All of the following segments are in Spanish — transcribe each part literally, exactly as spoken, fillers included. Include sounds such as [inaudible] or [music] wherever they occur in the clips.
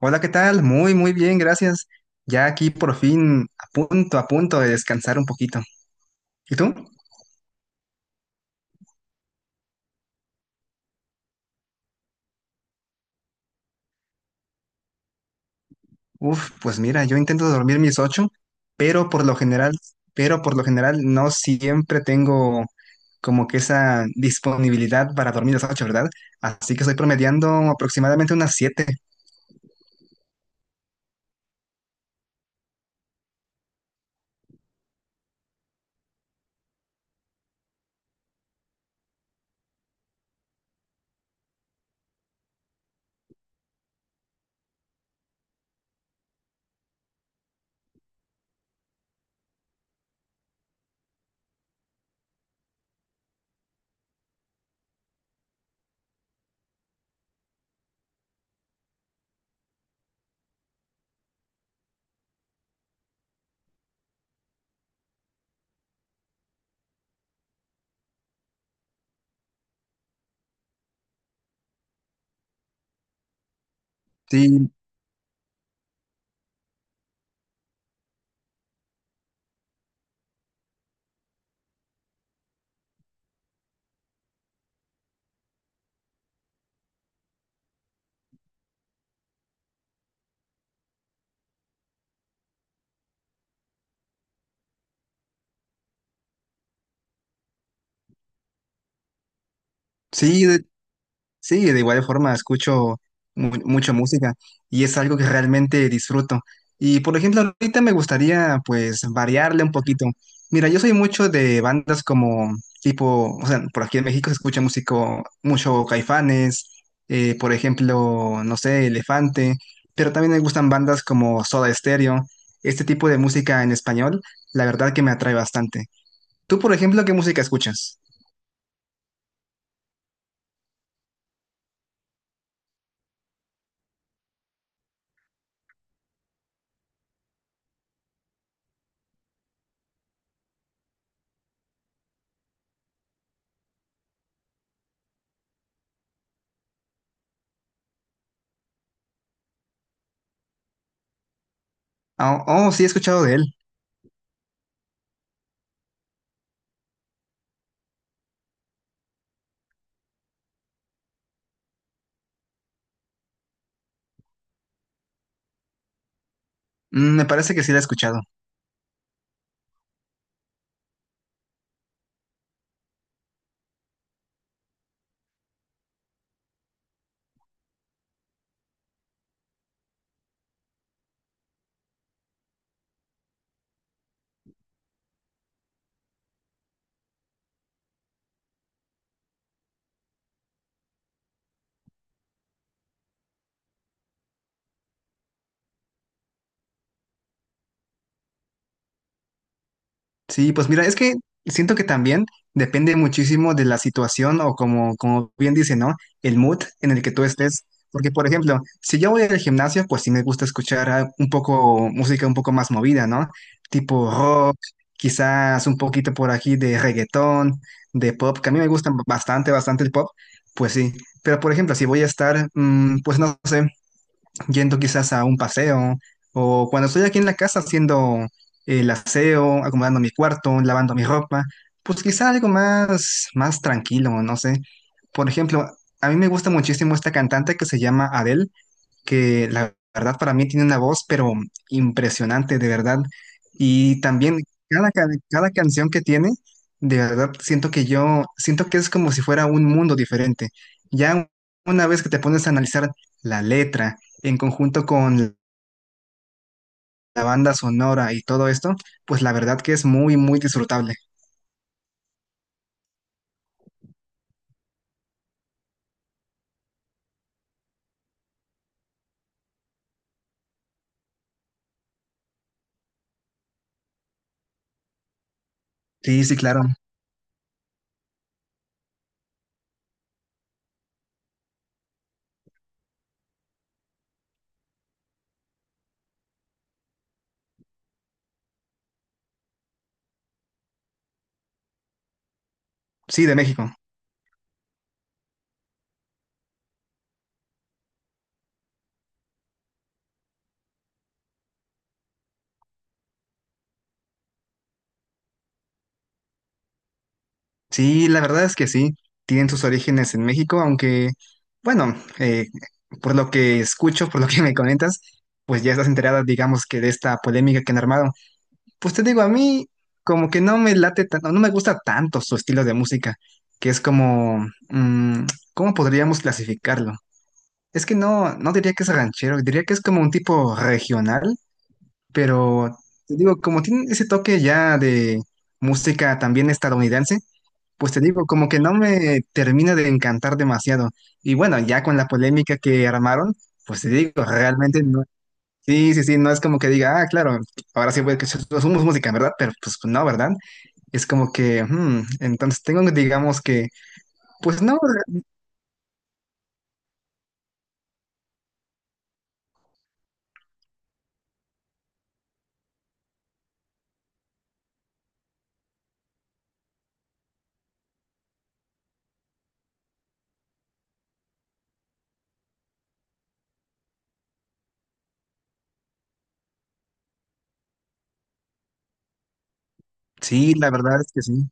Hola, ¿qué tal? Muy, muy bien, gracias. Ya aquí por fin a punto, a punto de descansar un poquito. ¿Y tú? Uf, pues mira, yo intento dormir mis ocho, pero por lo general, pero por lo general no siempre tengo como que esa disponibilidad para dormir las ocho, ¿verdad? Así que estoy promediando aproximadamente unas siete. Sí, sí, Sí, de igual forma escucho mu- mucha música y es algo que realmente disfruto. Y por ejemplo, ahorita me gustaría pues variarle un poquito. Mira, yo soy mucho de bandas como tipo, o sea, por aquí en México se escucha músico, mucho Caifanes, eh, por ejemplo, no sé, Elefante, pero también me gustan bandas como Soda Stereo, este tipo de música en español, la verdad que me atrae bastante. ¿Tú, por ejemplo, qué música escuchas? Oh, oh, sí, he escuchado de él. Mm, me parece que sí la he escuchado. Sí, pues mira, es que siento que también depende muchísimo de la situación o como, como bien dice, ¿no? El mood en el que tú estés. Porque, por ejemplo, si yo voy al gimnasio, pues sí me gusta escuchar ah, un poco música un poco más movida, ¿no? Tipo rock, quizás un poquito por aquí de reggaetón, de pop, que a mí me gusta bastante, bastante el pop, pues sí. Pero, por ejemplo, si voy a estar, mm, pues no sé yendo quizás a un paseo, o cuando estoy aquí en la casa haciendo el aseo, acomodando mi cuarto, lavando mi ropa, pues quizás algo más, más tranquilo, no sé. Por ejemplo, a mí me gusta muchísimo esta cantante que se llama Adele, que la verdad para mí tiene una voz, pero impresionante, de verdad. Y también cada, ca- cada canción que tiene, de verdad siento que yo, siento que es como si fuera un mundo diferente. Ya una vez que te pones a analizar la letra en conjunto con la banda sonora y todo esto, pues la verdad que es muy, muy disfrutable. Sí, sí, claro. Sí, de México. Sí, la verdad es que sí, tienen sus orígenes en México, aunque, bueno, eh, por lo que escucho, por lo que me comentas, pues ya estás enterada, digamos, que de esta polémica que han armado. Pues te digo, a mí como que no me late tanto, no no me gusta tanto su estilo de música, que es como, mm, ¿cómo podríamos clasificarlo? Es que no, no diría que es ranchero, diría que es como un tipo regional, pero te digo, como tiene ese toque ya de música también estadounidense, pues te digo, como que no me termina de encantar demasiado. Y bueno, ya con la polémica que armaron, pues te digo, realmente no. Sí, sí, sí, no es como que diga, ah, claro, ahora sí, pues que so, so, somos música, ¿verdad? Pero pues no, ¿verdad? Es como que, hmm, entonces tengo, digamos que, pues no, sí, la verdad es que sí.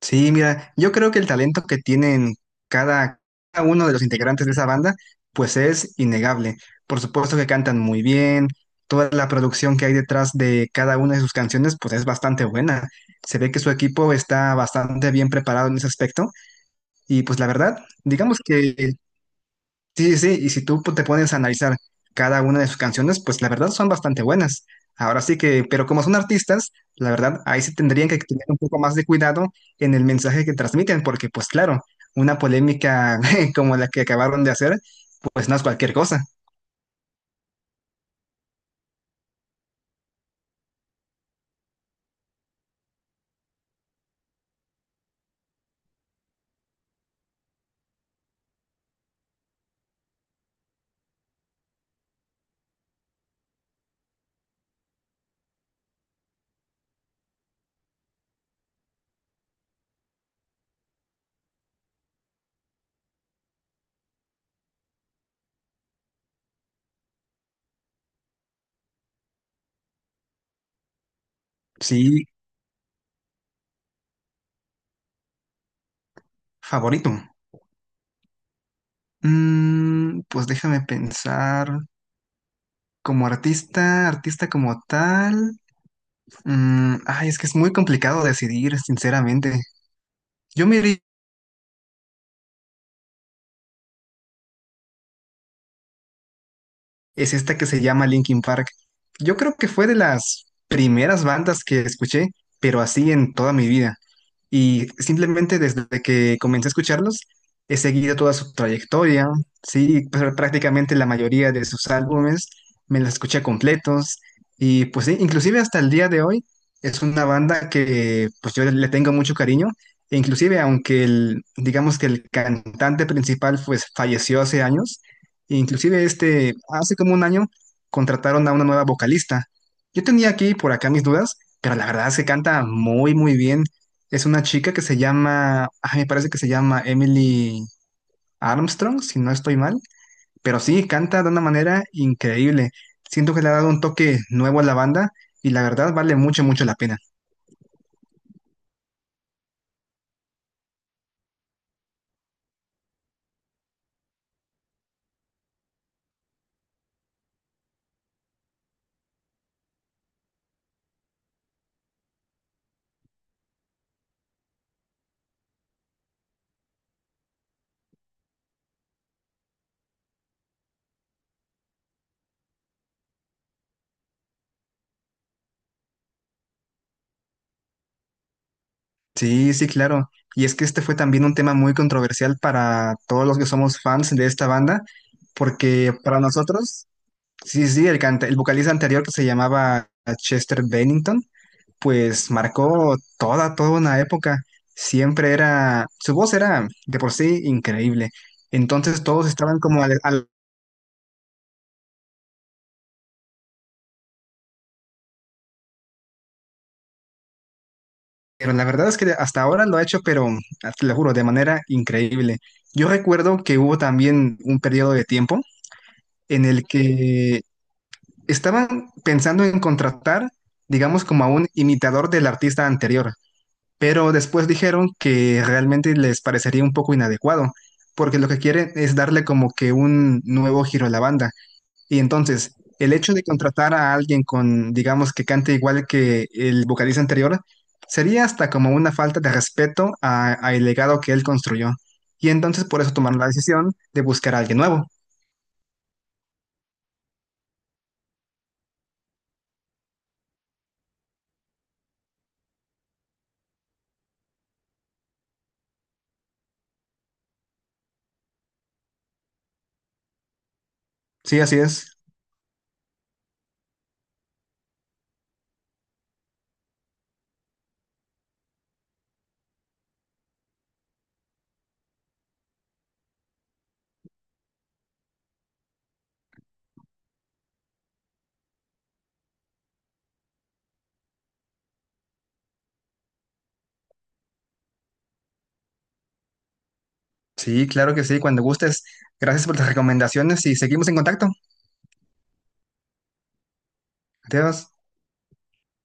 Sí, mira, yo creo que el talento que tienen cada, cada uno de los integrantes de esa banda, pues es innegable. Por supuesto que cantan muy bien, toda la producción que hay detrás de cada una de sus canciones, pues es bastante buena. Se ve que su equipo está bastante bien preparado en ese aspecto y pues la verdad, digamos que sí, sí, sí, y si tú pues, te pones a analizar cada una de sus canciones, pues la verdad son bastante buenas. Ahora sí que, pero como son artistas, la verdad, ahí sí tendrían que tener un poco más de cuidado en el mensaje que transmiten, porque pues claro, una polémica [laughs] como la que acabaron de hacer, pues no es cualquier cosa. Sí, favorito. Mm, pues déjame pensar, como artista, artista como tal, mm, ay, es que es muy complicado decidir, sinceramente. Yo me iría es esta que se llama Linkin Park. Yo creo que fue de las primeras bandas que escuché, pero así en toda mi vida. Y simplemente desde que comencé a escucharlos, he seguido toda su trayectoria, sí, pr- prácticamente la mayoría de sus álbumes me los escuché completos. Y pues sí, inclusive hasta el día de hoy es una banda que pues yo le tengo mucho cariño. E inclusive aunque el, digamos que el cantante principal pues falleció hace años, inclusive este, hace como un año contrataron a una nueva vocalista. Yo tenía aquí y por acá mis dudas, pero la verdad se canta muy, muy bien. Es una chica que se llama, ah, me parece que se llama Emily Armstrong, si no estoy mal, pero sí, canta de una manera increíble. Siento que le ha dado un toque nuevo a la banda y la verdad vale mucho, mucho la pena. Sí, sí, claro. Y es que este fue también un tema muy controversial para todos los que somos fans de esta banda, porque para nosotros... Sí, sí, el, canta- el vocalista anterior que se llamaba Chester Bennington, pues marcó toda, toda una época. Siempre era, su voz era de por sí increíble. Entonces todos estaban como al, al- pero la verdad es que hasta ahora lo ha hecho, pero ah, te lo juro, de manera increíble. Yo recuerdo que hubo también un periodo de tiempo en el que estaban pensando en contratar, digamos, como a un imitador del artista anterior. Pero después dijeron que realmente les parecería un poco inadecuado, porque lo que quieren es darle como que un nuevo giro a la banda. Y entonces, el hecho de contratar a alguien con, digamos, que cante igual que el vocalista anterior, sería hasta como una falta de respeto a, a el legado que él construyó. Y entonces por eso tomaron la decisión de buscar a alguien nuevo. Sí, así es. Sí, claro que sí, cuando gustes. Gracias por las recomendaciones y seguimos en contacto. Adiós.